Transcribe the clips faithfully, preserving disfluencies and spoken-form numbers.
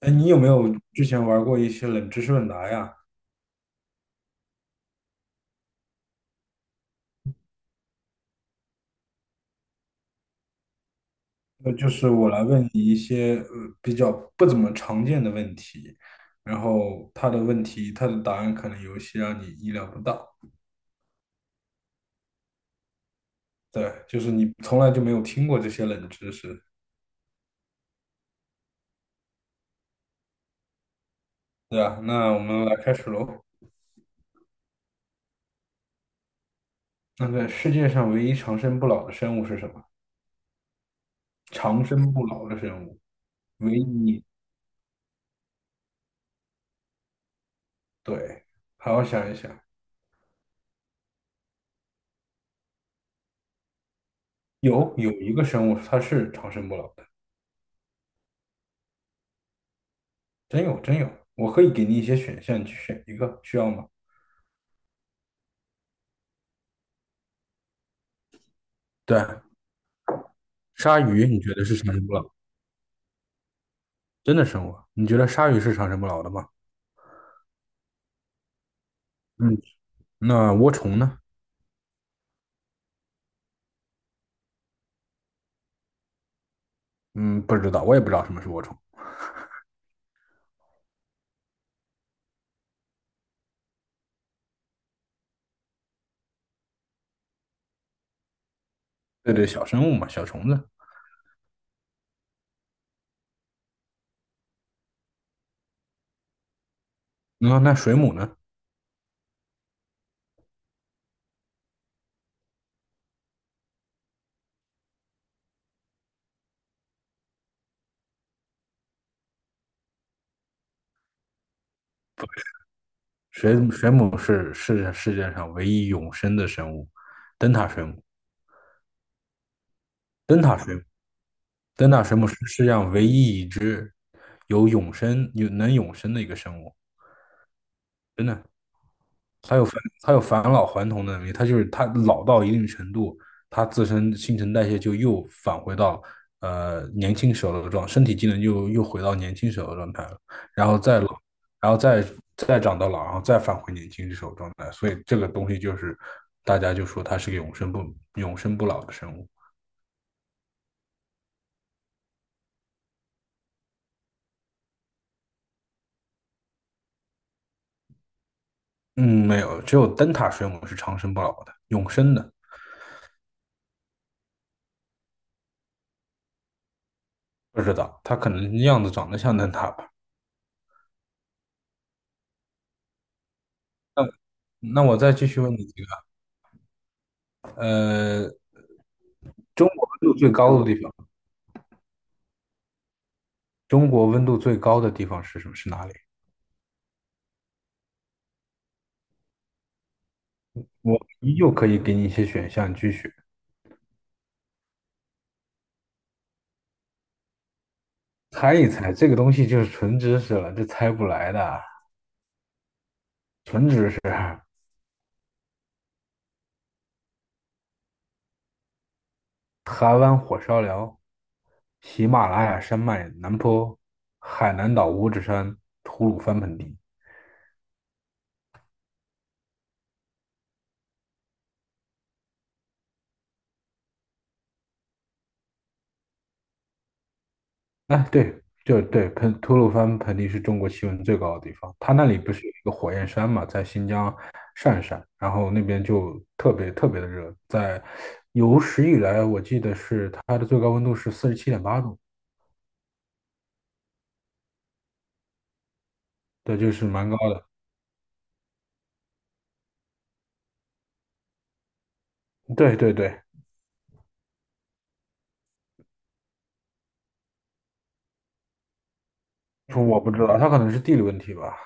哎，你有没有之前玩过一些冷知识问答呀？呃，就是我来问你一些呃比较不怎么常见的问题，然后他的问题，他的答案可能有一些让你意料不到。对，就是你从来就没有听过这些冷知识，对啊，那我们来开始喽。那个世界上唯一长生不老的生物是什么？长生不老的生物，唯一，对，好好想一想，有有一个生物它是长生不老的。真有真有，我可以给你一些选项，你去选一个，需要吗？对，鲨鱼你觉得是长生不老？真的生物？你觉得鲨鱼是长生不老的吗？嗯，那涡虫呢？嗯，不知道，我也不知道什么是涡虫。对对，小生物嘛，小虫子。那那水母呢？水水母是是世界上唯一永生的生物，灯塔水母。灯塔水母，灯塔水母是世界上唯一一只有永生、有能永生的一个生物，真的。他有返他有返老还童的能力，他就是他老到一定程度，他自身新陈代谢就又返回到呃年轻时候的状，身体机能又又回到年轻时候的状态了，然后再老，然后再再长到老，然后再返回年轻时候的状态，所以这个东西就是大家就说它是个永生不永生不老的生物。嗯，没有，只有灯塔水母是长生不老的，永生的。不知道，它可能样子长得像灯塔吧。那那我再继续问你几个，呃，中国温度最高的地方，中国温度最高的地方是什么？是哪里？我依旧可以给你一些选项，你去选，猜一猜。这个东西就是纯知识了，这猜不来的，纯知识。台湾火烧寮、喜马拉雅山脉南坡、海南岛五指山、吐鲁番盆地。哎，对，就对，盆吐鲁番盆地是中国气温最高的地方，它那里不是有一个火焰山嘛，在新疆鄯善，然后那边就特别特别的热，在有史以来，我记得是它的最高温度是四十七点八度，对，就是蛮高的。对对对，说我不知道，它可能是地理问题吧。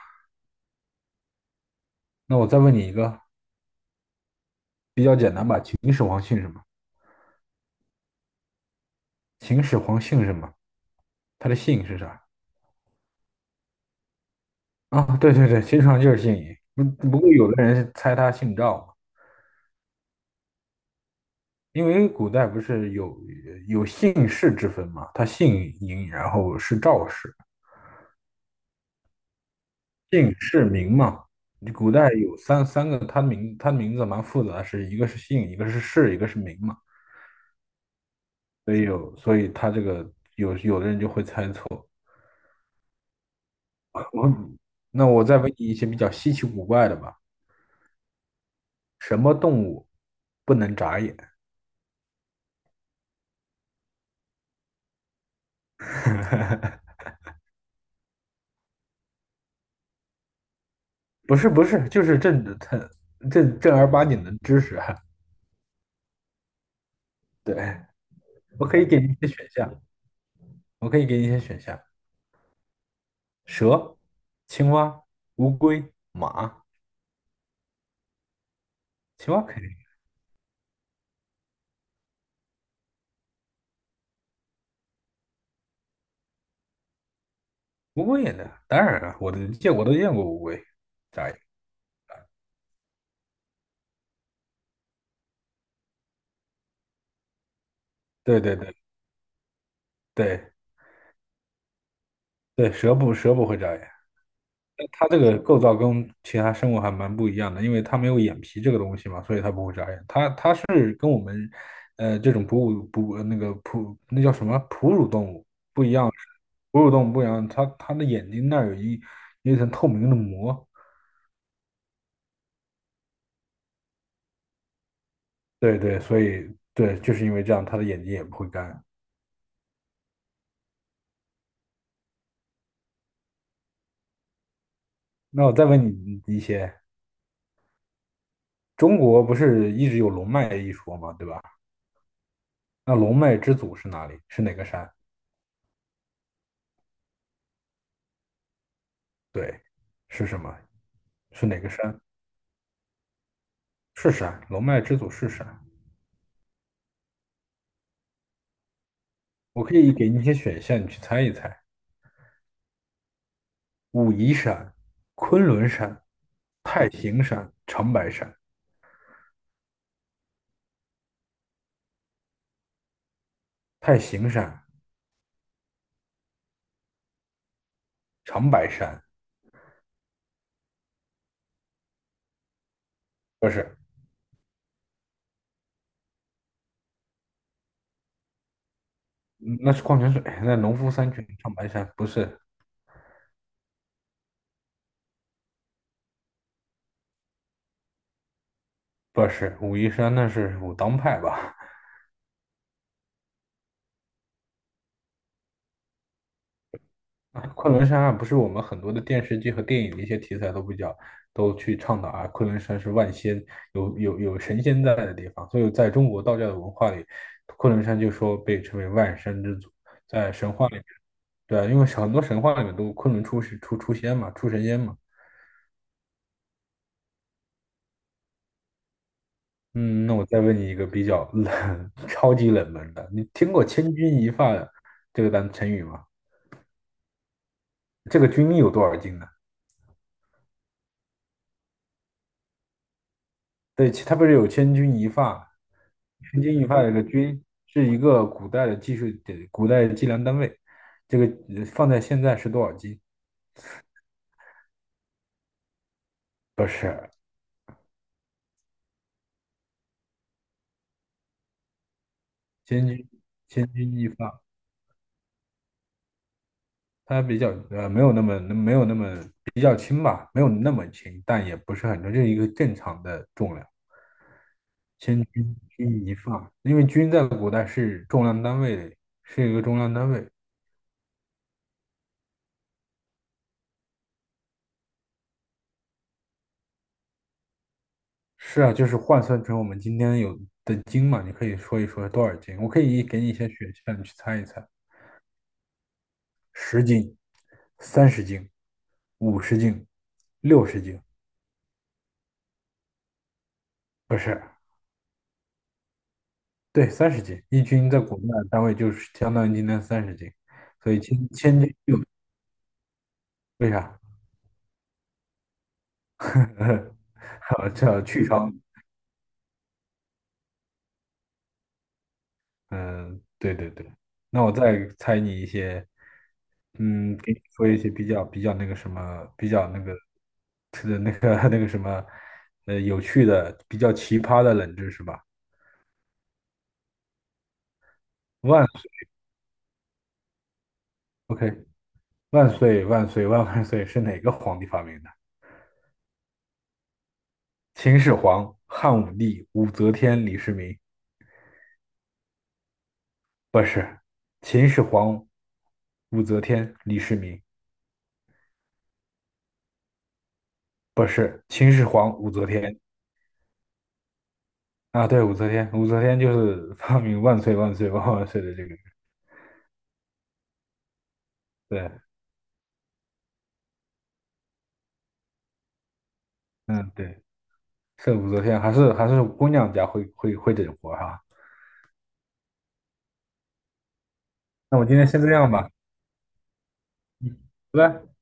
那我再问你一个比较简单吧，秦始皇姓什么？秦始皇姓什么？他的姓是啥？啊，对对对，秦始皇就是姓嬴，不不过有的人猜他姓赵，因为古代不是有有姓氏之分嘛，他姓嬴，然后是赵氏，姓氏名嘛。古代有三三个，他名他名字蛮复杂的是一个是姓，一个是氏，一个是名嘛。所以有，所以他这个有有的人就会猜错。我那我再问你一些比较稀奇古怪的吧，什么动物不能眨眼？不是不是，就是正正正正儿八经的知识哈。对，我可以给你一些选项，我可以给你一些选项。蛇、青蛙、乌龟、马，青蛙肯定，乌龟也能，当然了，我都见我都见过乌龟眨眼。对对对对对，蛇不蛇不会眨眼，但它这个构造跟其他生物还蛮不一样的，因为它没有眼皮这个东西嘛，所以它不会眨眼。它它是呃这种哺乳哺呃那个哺那叫什么哺乳动物不一样，哺乳动物不一样，它它的眼睛那儿有一有一层透明的膜，对对，所以对，就是因为这样，它的眼睛也不会干。那我再问你一些，中国不是一直有龙脉一说吗？对吧？那龙脉之祖是哪里？是哪个山？对，是什么？是哪个山？是山，龙脉之祖是山。我可以给你一些选项，你去猜一猜：武夷山、昆仑山、太行山、长白山。太行山、长白山不是，嗯那是矿泉水。那农夫山泉，长白山不是，不是武夷山，那是武当派吧？啊，昆仑山啊，不是我们很多的电视剧和电影的一些题材都比较都去倡导啊，昆仑山是万仙有有有神仙在的地方，所以在中国道教的文化里，昆仑山就说被称为万山之祖，在神话里面，对啊，因为很多神话里面都昆仑出世出出仙嘛，出神仙嘛。嗯，那我再问你一个比较冷、超级冷门的，你听过"千钧一发"这个单成语吗？这个"钧"有多少斤呢？对，其他不是有千钧一发？千钧一发这个钧是一个古代的技术的古代计量单位，这个呃放在现在是多少斤？不是，千钧千钧一发，它比较呃没有那么没有那么比较轻吧，没有那么轻，但也不是很重，就是一个正常的重量。千钧钧一发，因为钧在古代是重量单位，是一个重量单位。是啊，就是换算成我们今天有的斤嘛，你可以说一说多少斤？我可以给你一些选项，你去猜一猜：十斤、三十斤、五十斤、六十斤，不是，对，三十斤。一斤在国内的单位就是相当于今天三十斤，所以千千斤六为啥？好，这去伤。嗯，对对对。那我再猜你一些嗯，给你说一些比较比较那个什么，比较那个，特的那个 那个什么，呃，有趣的、比较奇葩的冷知识吧。万岁，OK，万岁万岁万万岁是哪个皇帝发明的？秦始皇、汉武帝、武则天、李世民？不是，秦始皇、武则天、李世民？不是，秦始皇、武则天啊，对，武则天，武则天就是发明万岁万岁万万岁的这个人，对，嗯，对。是武则天，还是还是姑娘家会会会整活哈。那我今天先这样吧，嗯，拜拜。